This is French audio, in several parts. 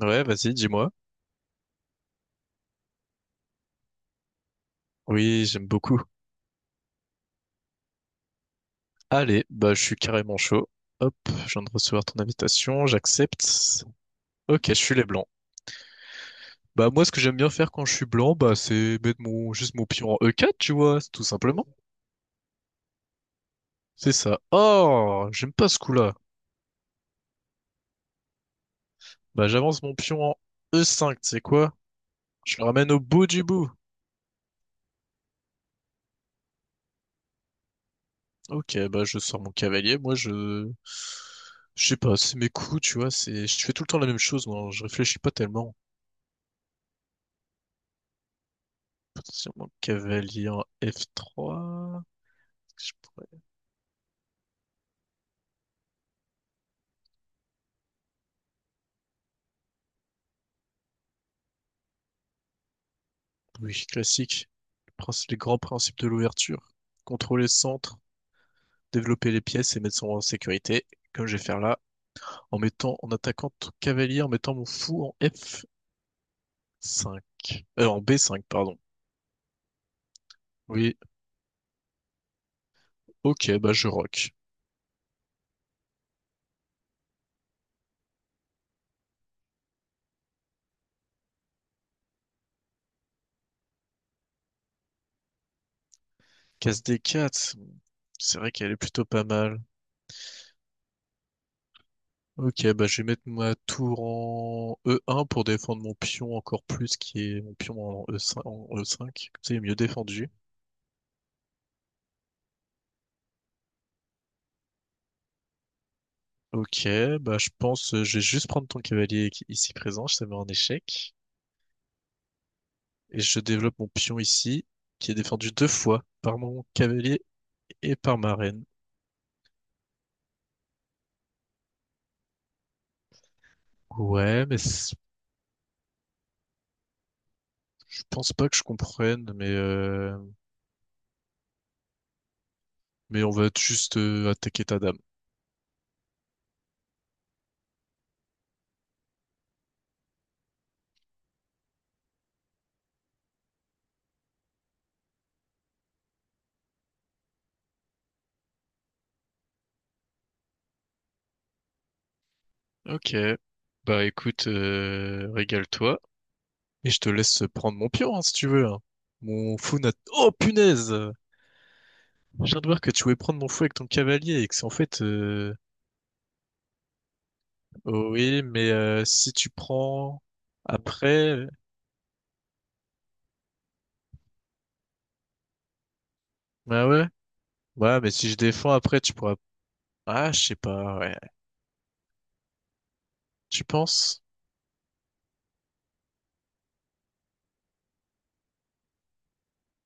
Ouais, vas-y, dis-moi. Oui, j'aime beaucoup. Allez, bah je suis carrément chaud. Hop, je viens de recevoir ton invitation, j'accepte. Ok, je suis les blancs. Bah moi, ce que j'aime bien faire quand je suis blanc, bah c'est mettre mon juste mon pion en E4, tu vois, c'est tout simplement. C'est ça. Oh, j'aime pas ce coup-là. Bah j'avance mon pion en E5, tu sais quoi? Je le ramène au bout du bout. Ok, bah je sors mon cavalier. Moi, je sais pas, c'est mes coups, tu vois. C'est, je fais tout le temps la même chose. Moi, je réfléchis pas tellement. Attention, mon cavalier en F3. Est-ce que je pourrais- Oui, classique. Les grands principes de l'ouverture. Contrôler le centre, développer les pièces et mettre son roi en sécurité, comme je vais faire là, en mettant, en attaquant tout cavalier, en mettant mon fou en F5. En B5, pardon. Oui, ok, bah je rock. Casse des 4, c'est vrai qu'elle est plutôt pas mal. Ok, bah je vais mettre ma tour en E1 pour défendre mon pion encore plus, qui est mon pion en E5, en E5. Comme ça, il est mieux défendu. Ok, bah je pense, je vais juste prendre ton cavalier ici présent, je te mets en échec. Et je développe mon pion ici, qui est défendu deux fois par mon cavalier et par ma reine. Ouais, mais c- je pense pas que je comprenne, mais on va juste attaquer ta dame. Ok. Bah écoute, régale-toi. Et je te laisse prendre mon pion, hein, si tu veux, hein. Mon fou n'a... Oh punaise! Je viens de voir que tu voulais prendre mon fou avec ton cavalier et que c'est en fait. Oh oui, mais si tu prends après. Bah ouais. Ouais, mais si je défends après, tu pourras... Ah, je sais pas, ouais. Tu penses?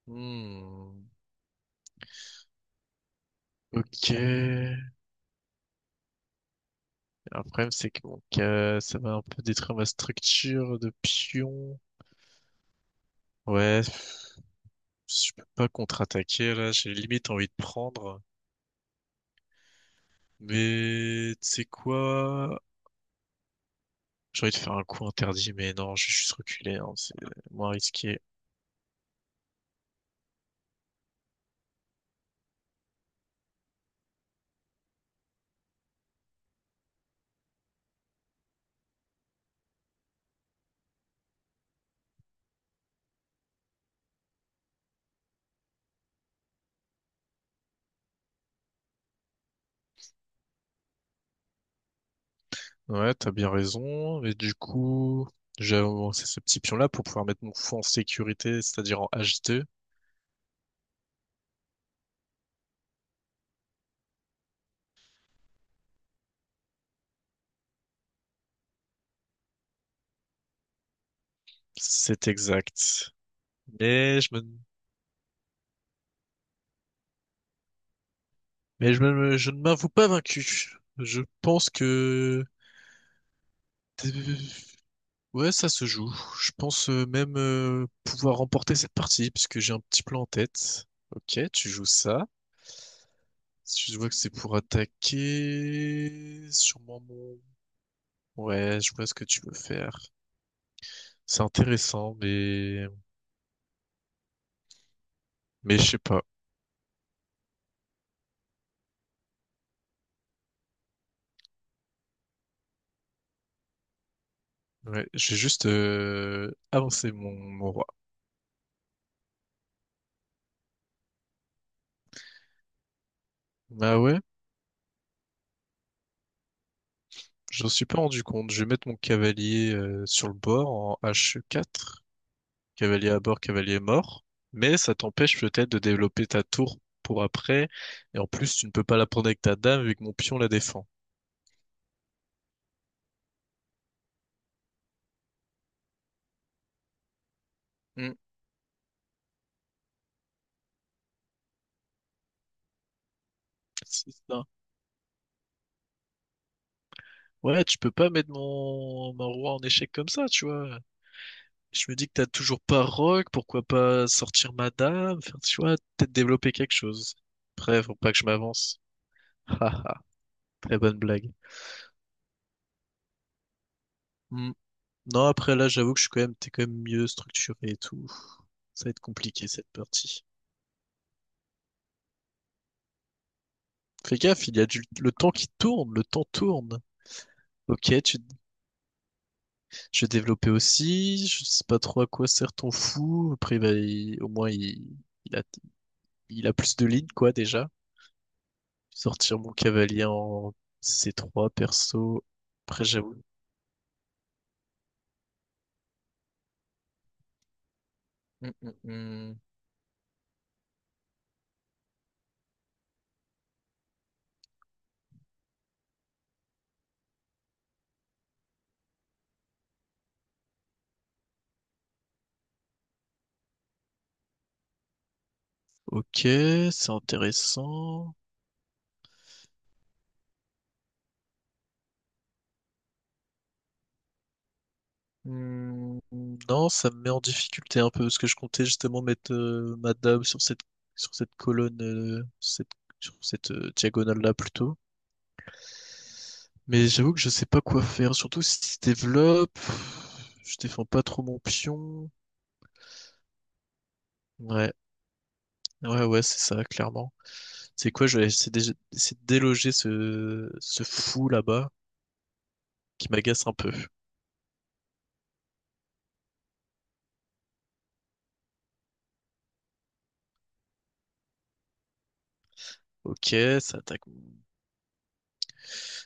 Hmm. Ok. Le problème, c'est que mon ça va un peu détruire ma structure de pion. Ouais, je peux pas contre-attaquer là, j'ai limite envie de prendre. Mais tu sais quoi? J'ai envie de faire un coup interdit, mais non, je vais juste reculer, hein, c'est moins risqué. Ouais, t'as bien raison. Mais du coup, j'ai avancé ce petit pion-là pour pouvoir mettre mon fou en sécurité, c'est-à-dire en H2. C'est exact. Mais je me, mais je ne m'avoue pas vaincu. Je pense que ouais, ça se joue. Je pense même pouvoir remporter cette partie, puisque j'ai un petit plan en tête. Ok, tu joues ça. Si je vois que c'est pour attaquer, sûrement mon... Ouais, je vois ce que tu veux faire. C'est intéressant, mais... Mais je sais pas. Ouais, j'ai juste avancé mon roi. Bah ouais, j'en suis pas rendu compte. Je vais mettre mon cavalier sur le bord en H4. Cavalier à bord, cavalier mort, mais ça t'empêche peut-être de développer ta tour pour après, et en plus tu ne peux pas la prendre avec ta dame vu que mon pion la défend. Hmm, c'est ça. Ouais, tu peux pas mettre mon roi en échec comme ça, tu vois. Je me dis que t'as toujours pas rogue, pourquoi pas sortir ma dame, faire, tu vois, peut-être développer quelque chose. Après, faut pas que je m'avance. Haha, très bonne blague. Hmm. Non, après là, j'avoue que je suis quand même, t'es quand même mieux structuré et tout. Ça va être compliqué cette partie. Fais gaffe, il y a le temps qui tourne, le temps tourne. Ok, tu... Je vais développer aussi, je sais pas trop à quoi sert ton fou. Au moins, il a... il a plus de lignes, quoi, déjà. Sortir mon cavalier en c trois perso. Après, j'avoue. Hum, hum, hum. Ok, c'est intéressant. Hmm, non, ça me met en difficulté un peu parce que je comptais justement mettre ma dame sur cette colonne, cette, sur cette diagonale-là plutôt. Mais j'avoue que je sais pas quoi faire, surtout si je développe. Je défends pas trop mon pion. Ouais, ouais, c'est ça, clairement. C'est quoi, je vais essayer de déloger ce fou là-bas qui m'agace un peu. Ok, ça attaque,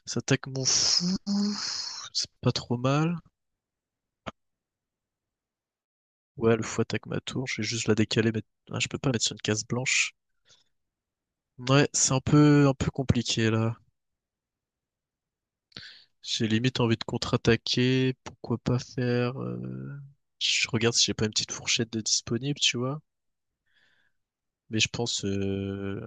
ça attaque mon fou. C'est pas trop mal. Ouais, le fou attaque ma tour. Je vais juste la décaler, mais ah, je peux pas mettre sur une case blanche. Ouais, c'est un peu compliqué là. J'ai limite envie de contre-attaquer. Pourquoi pas je regarde si j'ai pas une petite fourchette de disponible, tu vois. Mais je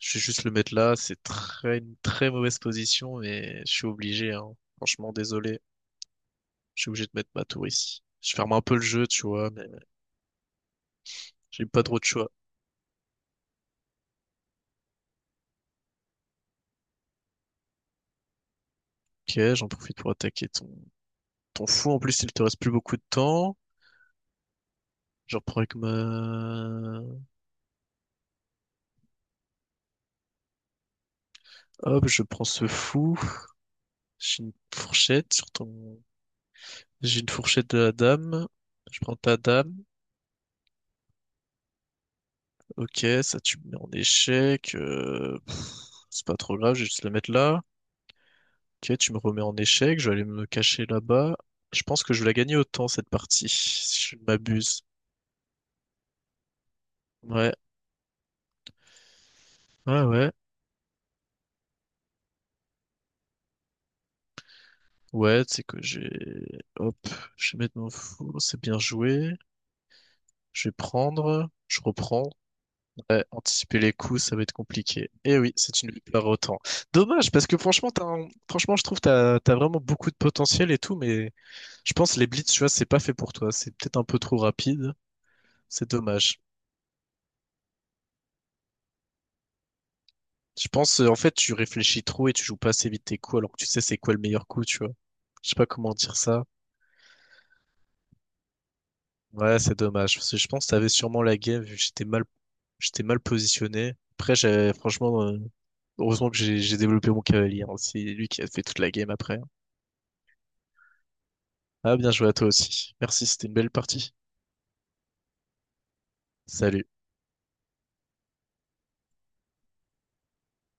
Je vais juste le mettre là. C'est très, une très mauvaise position, mais je suis obligé, hein. Franchement, désolé. Je suis obligé de mettre ma tour ici. Je ferme un peu le jeu, tu vois, mais j'ai pas trop de choix. Ok, j'en profite pour attaquer ton fou. En plus, il te reste plus beaucoup de temps. Je reprends avec ma... Hop, je prends ce fou. J'ai une fourchette sur ton... J'ai une fourchette de la dame. Je prends ta dame. Ok, ça tu me mets en échec. C'est pas trop grave, je vais juste la mettre là. Ok, tu me remets en échec. Je vais aller me cacher là-bas. Je pense que je vais la gagner autant cette partie, si je ne m'abuse. Ouais, ouais. Ouais, tu sais que j'ai... Hop, je vais mettre mon fou. C'est bien joué. Je vais prendre. Je reprends. Ouais, anticiper les coups, ça va être compliqué. Et oui, c'est une victoire autant. Dommage, parce que franchement, franchement, je trouve que t'as vraiment beaucoup de potentiel et tout, mais je pense les blitz, tu vois, c'est pas fait pour toi. C'est peut-être un peu trop rapide. C'est dommage. Je pense, en fait, tu réfléchis trop et tu joues pas assez vite tes coups, alors que tu sais c'est quoi le meilleur coup, tu vois. Je sais pas comment dire ça. Ouais, c'est dommage. Parce que je pense que t'avais sûrement la game, vu que j'étais mal positionné. Après, j'ai, franchement, heureusement que j'ai développé mon cavalier, hein. C'est lui qui a fait toute la game après. Ah, bien joué à toi aussi. Merci, c'était une belle partie. Salut.